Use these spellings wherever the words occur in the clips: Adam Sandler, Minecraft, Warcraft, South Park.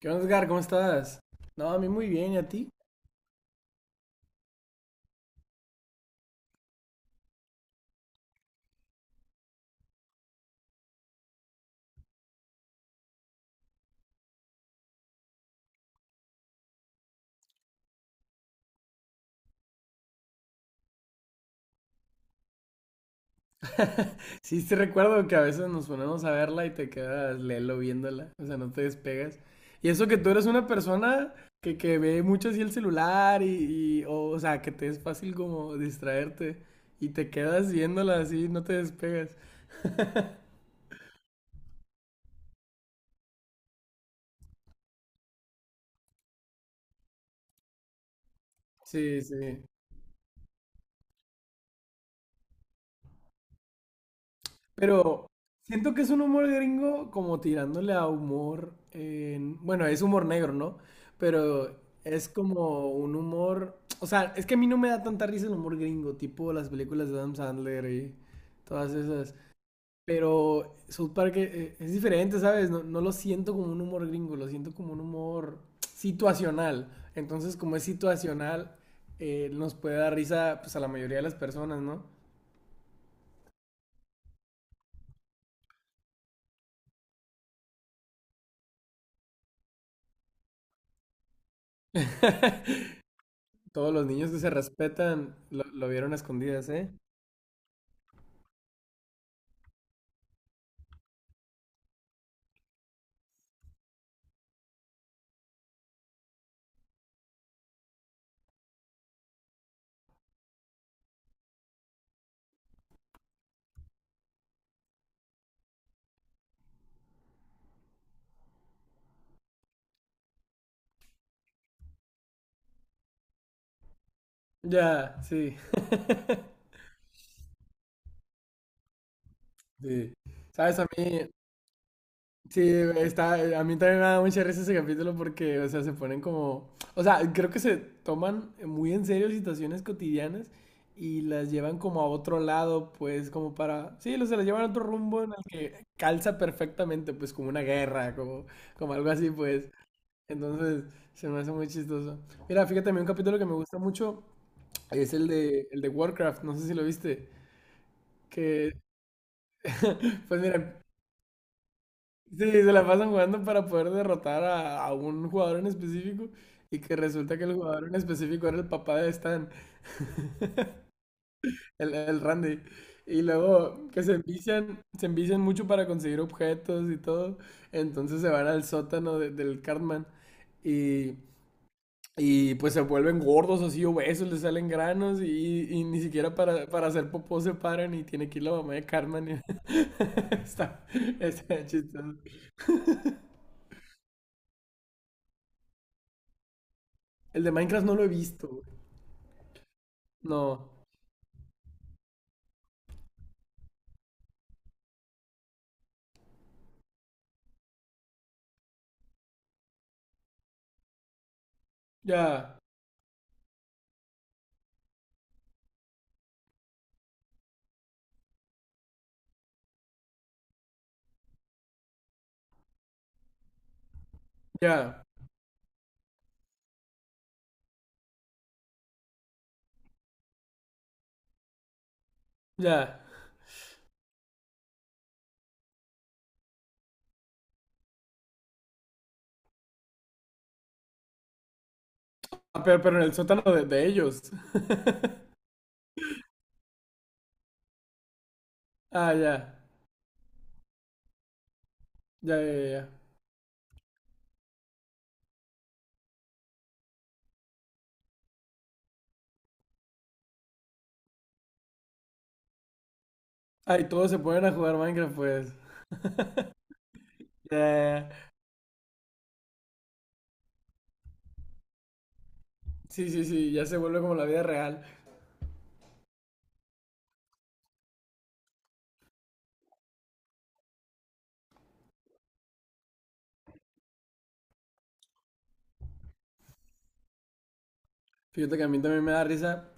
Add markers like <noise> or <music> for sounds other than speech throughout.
¿Qué onda, Edgar? ¿Cómo estás? No, a mí muy bien, ¿y a ti? Sí, te recuerdo que a veces nos ponemos a verla y te quedas lelo viéndola, o sea, no te despegas. Y eso que tú eres una persona que ve mucho así el celular o sea, que te es fácil como distraerte y te quedas viéndola así, no te despegas. <laughs> Sí. Pero siento que es un humor gringo como tirándole a humor, bueno, es humor negro, ¿no? Pero es como un humor, o sea, es que a mí no me da tanta risa el humor gringo, tipo las películas de Adam Sandler y todas esas. Pero South Park es diferente, ¿sabes? No lo siento como un humor gringo, lo siento como un humor situacional. Entonces, como es situacional, nos puede dar risa pues a la mayoría de las personas, ¿no? Todos los niños que se respetan lo vieron a escondidas, ¿eh? Ya, sí, sí. Sabes, a mí, sí, está, a mí también me da mucha risa ese capítulo porque, o sea, se ponen como, o sea, creo que se toman muy en serio situaciones cotidianas y las llevan como a otro lado, pues, como para, sí, o se las llevan a otro rumbo en el que calza perfectamente, pues, como una guerra, como, como algo así, pues. Entonces, se me hace muy chistoso. Mira, fíjate, a mí un capítulo que me gusta mucho es el de Warcraft, no sé si lo viste. Que, pues mira, sí, se la pasan jugando para poder derrotar a un jugador en específico. Y que resulta que el jugador en específico era el papá de Stan, el Randy. Y luego que se envician mucho para conseguir objetos y todo. Entonces se van al sótano del Cartman. Y y pues se vuelven gordos, así obesos, les salen granos y ni siquiera para hacer popó se paran y tiene que ir la mamá de Carmen. <laughs> Está, está chistoso. El de Minecraft no lo he visto, güey. No. Ya, ya, ya. Ah, pero en el sótano de ellos. <laughs> Ah, ya. Ya, ya, ya, ya. Ah, y todos se ponen a jugar Minecraft, pues. <laughs> Ya, ya, ya. Sí, sí, sí, ya se vuelve como la vida real. Fíjate que a mí también me da risa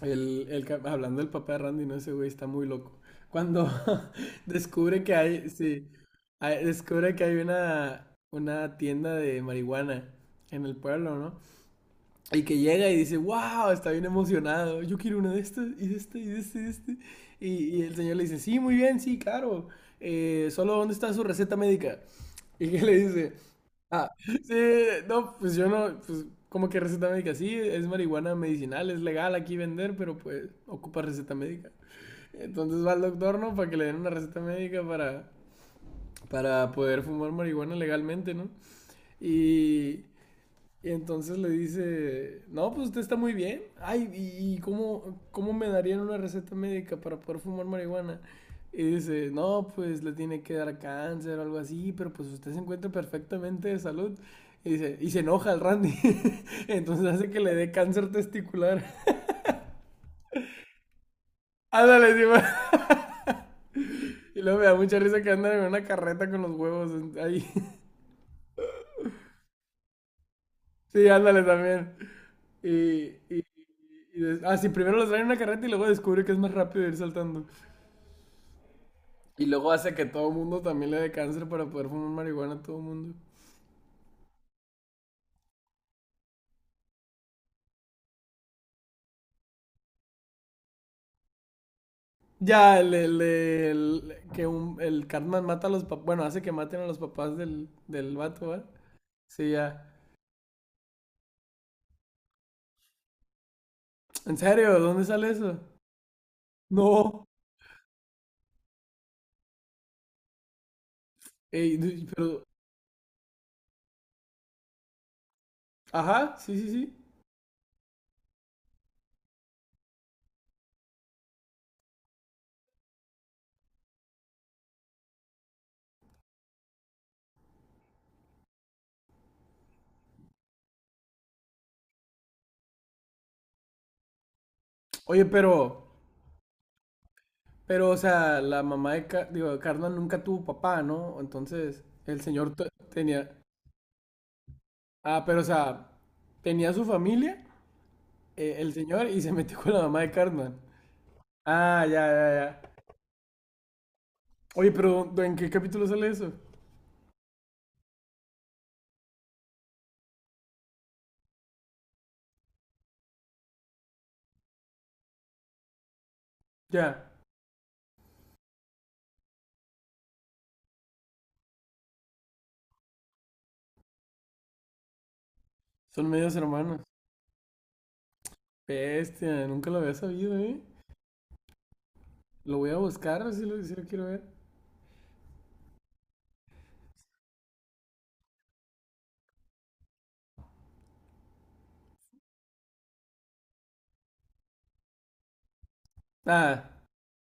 Hablando del papá de Randy, no, ese güey está muy loco. Cuando <laughs> descubre que hay, sí, descubre que hay una tienda de marihuana en el pueblo, ¿no? Y que llega y dice, wow, está bien emocionado, yo quiero una de estas, y de este, y de este, y de este. Y, y el señor le dice, sí, muy bien, sí, claro. Solo, ¿dónde está su receta médica? <laughs> Y que le dice, ah, sí, no, pues yo no, pues, ¿cómo que receta médica? Sí, es marihuana medicinal, es legal aquí vender, pero pues ocupa receta médica. Entonces va al doctor, ¿no? Para que le den una receta médica para poder fumar marihuana legalmente, ¿no? Y... y entonces le dice, no, pues usted está muy bien. Ay, y cómo, cómo me darían una receta médica para poder fumar marihuana? Y dice, no, pues le tiene que dar cáncer o algo así, pero pues usted se encuentra perfectamente de salud. Y, dice, y se enoja el Randy. <laughs> Entonces hace que le dé cáncer testicular. <laughs> Ándale, sí, ma. Y luego me da mucha risa que andan en una carreta con los huevos ahí. <laughs> Sí, ándale también. Y, y, ah, sí, primero los traen en una carreta y luego descubre que es más rápido ir saltando. Y luego hace que todo el mundo también le dé cáncer para poder fumar marihuana a todo el mundo. Ya, que un, el Cartman mata a los papás, bueno, hace que maten a los papás del, del vato, ¿va? Sí, ya. ¿En serio? ¿Dónde sale eso? No. Ey, pero, ajá, sí, sí, sí. Oye, pero, o sea, la mamá de, Car digo, Cartman nunca tuvo papá, ¿no? Entonces, tenía, ah, pero, o sea, tenía su familia, el señor, y se metió con la mamá de Cartman. Ah, ya, ya, ya. Oye, pero ¿en qué capítulo sale eso? Ya, son medios hermanos. Bestia, nunca lo había sabido, ¿eh? Lo voy a buscar si lo, si lo quiero ver. Ah,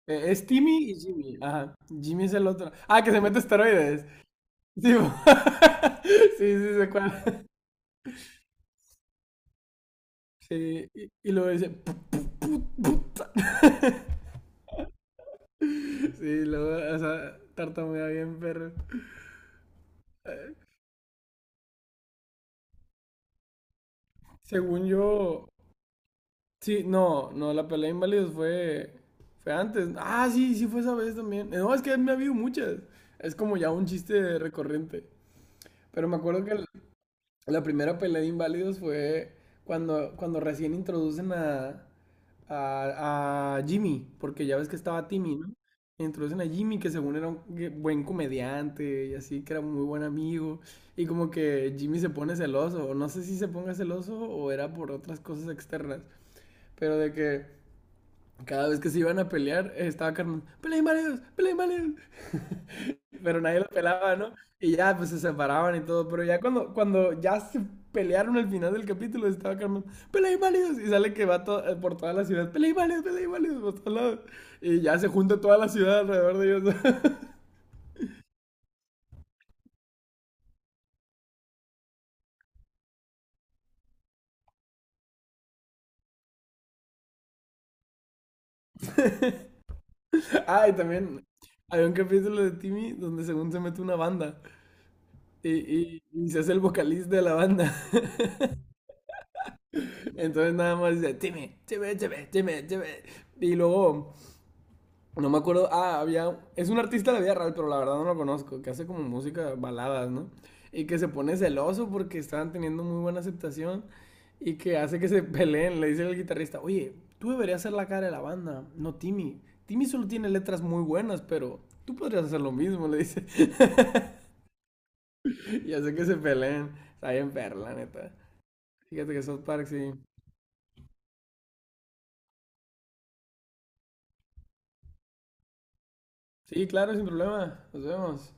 es Timmy y Jimmy. Ajá, Jimmy es el otro. Ah, que se mete esteroides. Sí, <laughs> sí, sí, sé cuál. Sí, y luego dice. Puta". Sí, luego, o sea, tartamudea bien, perro. Según yo, sí, no, no, la pelea de inválidos fue, fue antes. Ah, sí, sí fue esa vez también. No, es que me ha habido muchas. Es como ya un chiste recurrente. Pero me acuerdo que la primera pelea de inválidos fue cuando, cuando recién introducen a Jimmy, porque ya ves que estaba Timmy, ¿no? Introducen a Jimmy, que según era un buen comediante y así, que era muy buen amigo. Y como que Jimmy se pone celoso, o no sé si se ponga celoso o era por otras cosas externas, pero de que cada vez que se iban a pelear, estaba Carmen, peleen varios, peleen varios. Pero nadie los pelaba, ¿no? Y ya, pues se separaban y todo. Pero ya cuando, cuando ya se pelearon al final del capítulo, estaba Carmen, peleen varios. Y sale que va por toda la ciudad, peleen varios, por todos lados. Y ya se junta toda la ciudad alrededor de ellos. <laughs> Ah, y también hay un capítulo de Timmy donde según se mete una banda. Y se hace el vocalista de la banda. <laughs> Entonces nada más dice, Timmy, Timmy, Timmy, Timmy, Timmy. Y luego no me acuerdo. Ah, había. Es un artista de la vida real, pero la verdad no lo conozco. Que hace como música baladas, ¿no? Y que se pone celoso porque estaban teniendo muy buena aceptación. Y que hace que se <laughs> peleen. Le dice el guitarrista: oye, tú deberías ser la cara de la banda, no Timmy. Timmy solo tiene letras muy buenas, pero tú podrías hacer lo mismo, le dice. <laughs> Y hace que se peleen. Está bien perla, neta. Fíjate que South Park, sí. Sí, claro, sin problema. Nos vemos.